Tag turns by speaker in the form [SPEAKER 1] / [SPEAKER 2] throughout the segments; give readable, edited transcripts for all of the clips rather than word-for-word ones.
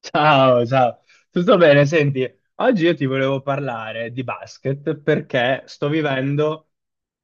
[SPEAKER 1] Ciao, ciao, tutto bene? Senti, oggi io ti volevo parlare di basket perché sto vivendo,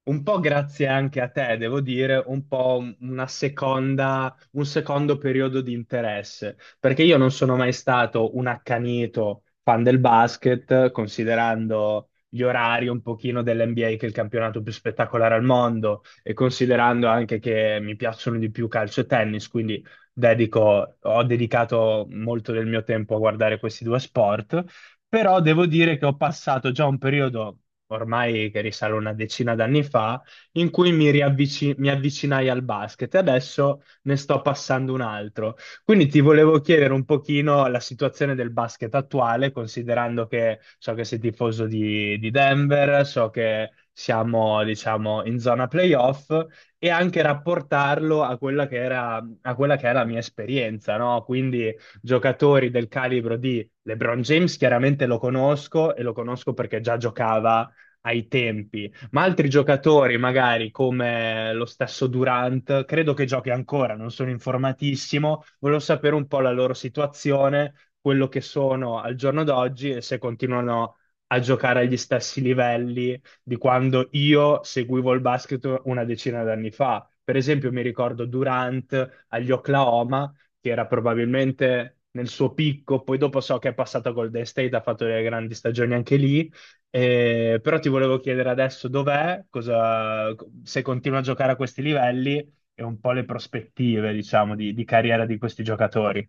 [SPEAKER 1] un po' grazie anche a te, devo dire, un po' una seconda, un secondo periodo di interesse, perché io non sono mai stato un accanito fan del basket, considerando gli orari un pochino dell'NBA, che è il campionato più spettacolare al mondo, e considerando anche che mi piacciono di più calcio e tennis, quindi ho dedicato molto del mio tempo a guardare questi due sport, però devo dire che ho passato già un periodo, ormai che risale una decina d'anni fa, in cui mi avvicinai al basket e adesso ne sto passando un altro. Quindi ti volevo chiedere un pochino la situazione del basket attuale, considerando che so che sei tifoso di Denver, so che siamo, diciamo, in zona playoff e anche rapportarlo a quella che era a quella che è la mia esperienza, no? Quindi giocatori del calibro di LeBron James, chiaramente lo conosco e lo conosco perché già giocava ai tempi, ma altri giocatori, magari come lo stesso Durant, credo che giochi ancora, non sono informatissimo, volevo sapere un po' la loro situazione, quello che sono al giorno d'oggi e se continuano a giocare agli stessi livelli di quando io seguivo il basket una decina d'anni fa. Per esempio, mi ricordo Durant agli Oklahoma, che era probabilmente nel suo picco, poi dopo so che è passato a Golden State, ha fatto delle grandi stagioni anche lì. Però ti volevo chiedere adesso dov'è, se continua a giocare a questi livelli e un po' le prospettive, diciamo, di carriera di questi giocatori.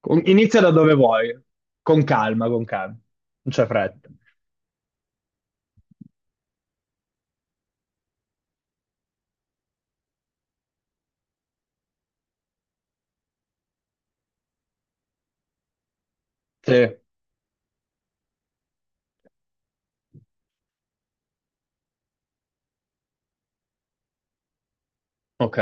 [SPEAKER 1] Inizia da dove vuoi, con calma, non c'è fretta. Sì, ok,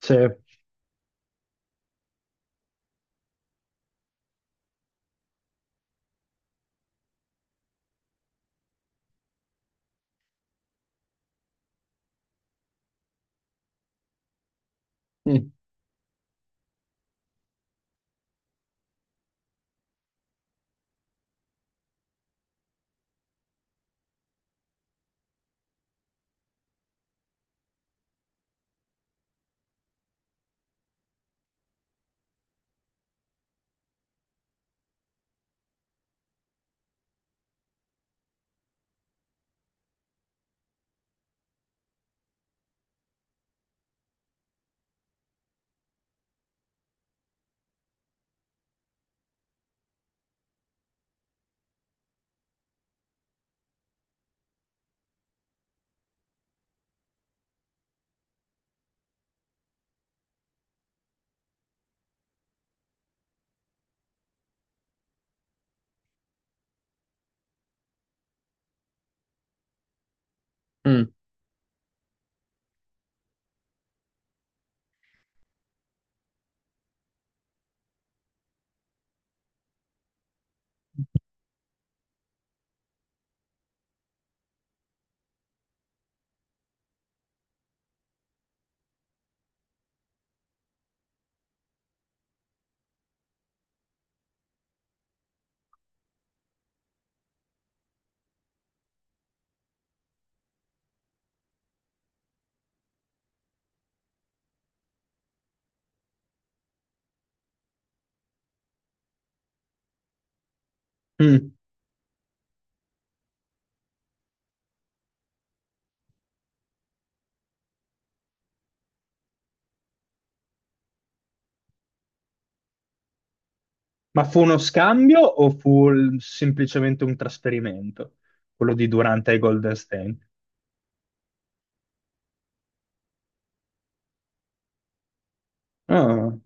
[SPEAKER 1] sì. Mm. Mm, mm. Ma fu uno scambio o fu semplicemente un trasferimento? Quello di Durant ai Golden State? Ah,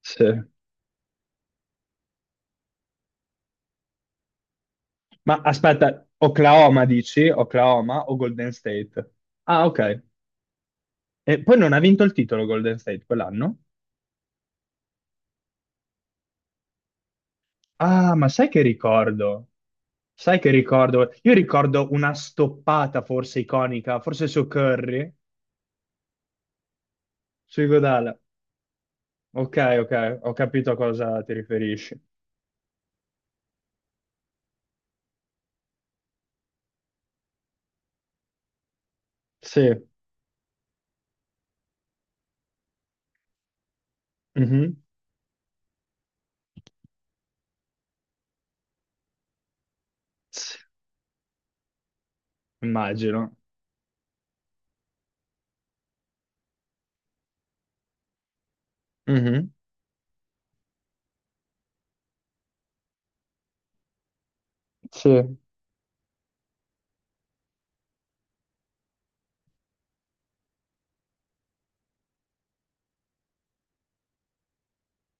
[SPEAKER 1] sì. Ma aspetta, Oklahoma dici? Oklahoma o Golden State? Ah, ok. E poi non ha vinto il titolo Golden State quell'anno? Ah, ma sai che ricordo? Sai che ricordo? Io ricordo una stoppata forse iconica, forse su Curry, su Iguodala. Ok, ok, ho capito a cosa ti riferisci. Sì. Mhm. Immagino. Mhm. Sì,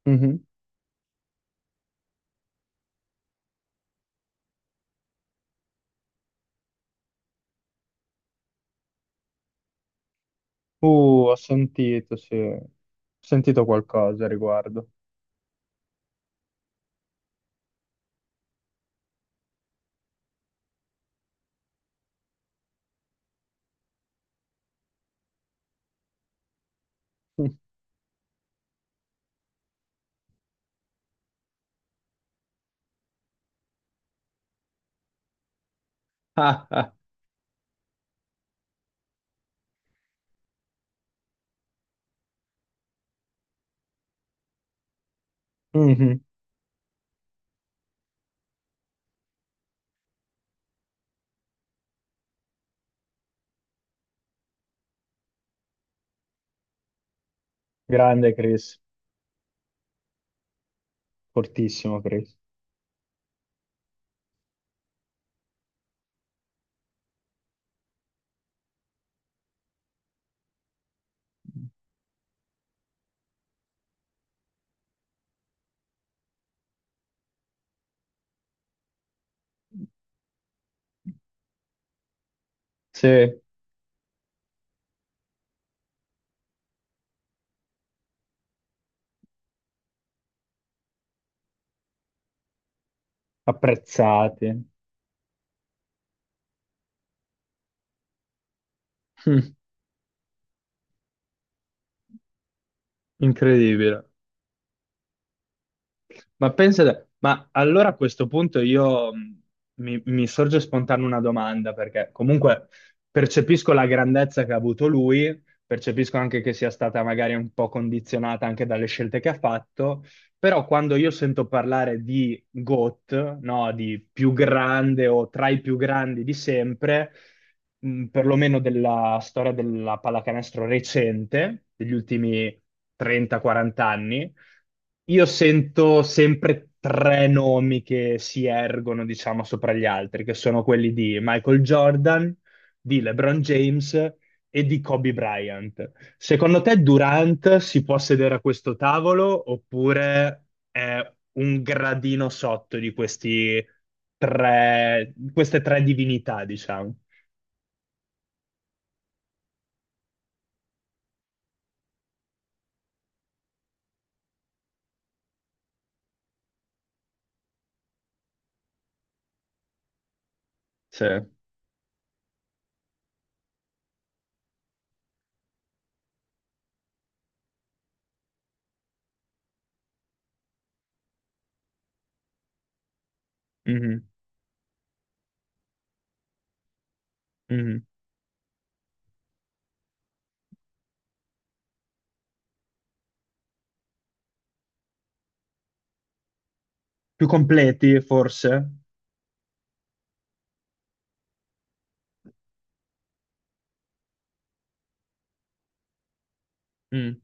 [SPEAKER 1] mhm. Ho sentito, sì. Ho sentito qualcosa a riguardo. Ah, ah. Mhm. Grande Chris, fortissimo Chris. Sì, apprezzati. Incredibile. Ma pensate, ma allora a questo punto io mi sorge spontanea una domanda, perché comunque percepisco la grandezza che ha avuto lui, percepisco anche che sia stata magari un po' condizionata anche dalle scelte che ha fatto, però quando io sento parlare di GOAT, no, di più grande o tra i più grandi di sempre, perlomeno della storia della pallacanestro recente, degli ultimi 30-40 anni, io sento sempre tre nomi che si ergono, diciamo, sopra gli altri, che sono quelli di Michael Jordan, di LeBron James e di Kobe Bryant. Secondo te Durant si può sedere a questo tavolo oppure è un gradino sotto di questi tre, queste tre divinità, diciamo? Sì. Mhm, mhm. Più completi, forse? Mm.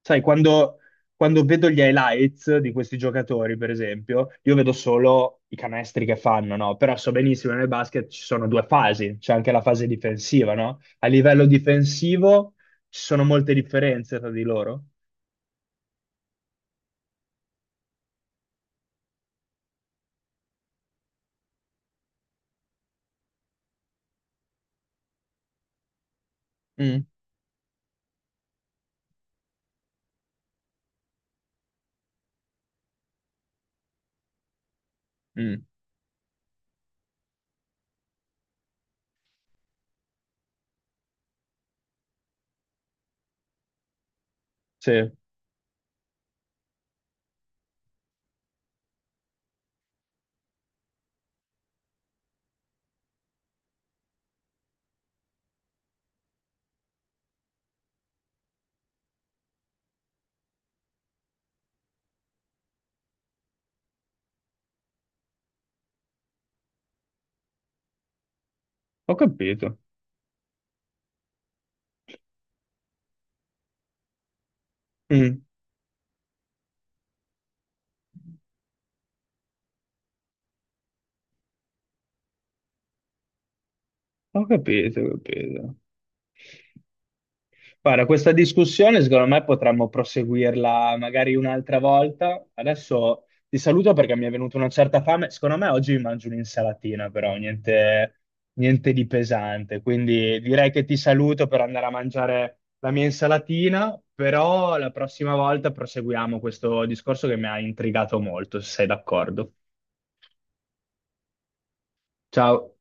[SPEAKER 1] Sai, quando vedo gli highlights di questi giocatori, per esempio, io vedo solo i canestri che fanno, no? Però so benissimo che nel basket ci sono due fasi, c'è anche la fase difensiva, no? A livello difensivo ci sono molte differenze tra di loro. Mm, mm, sì. Ho capito. Mm. Ho capito, ho capito. Guarda, questa discussione secondo me potremmo proseguirla magari un'altra volta. Adesso ti saluto perché mi è venuta una certa fame. Secondo me oggi mi mangio un'insalatina, però niente, niente di pesante. Quindi direi che ti saluto per andare a mangiare la mia insalatina, però la prossima volta proseguiamo questo discorso che mi ha intrigato molto, se sei d'accordo. Ciao.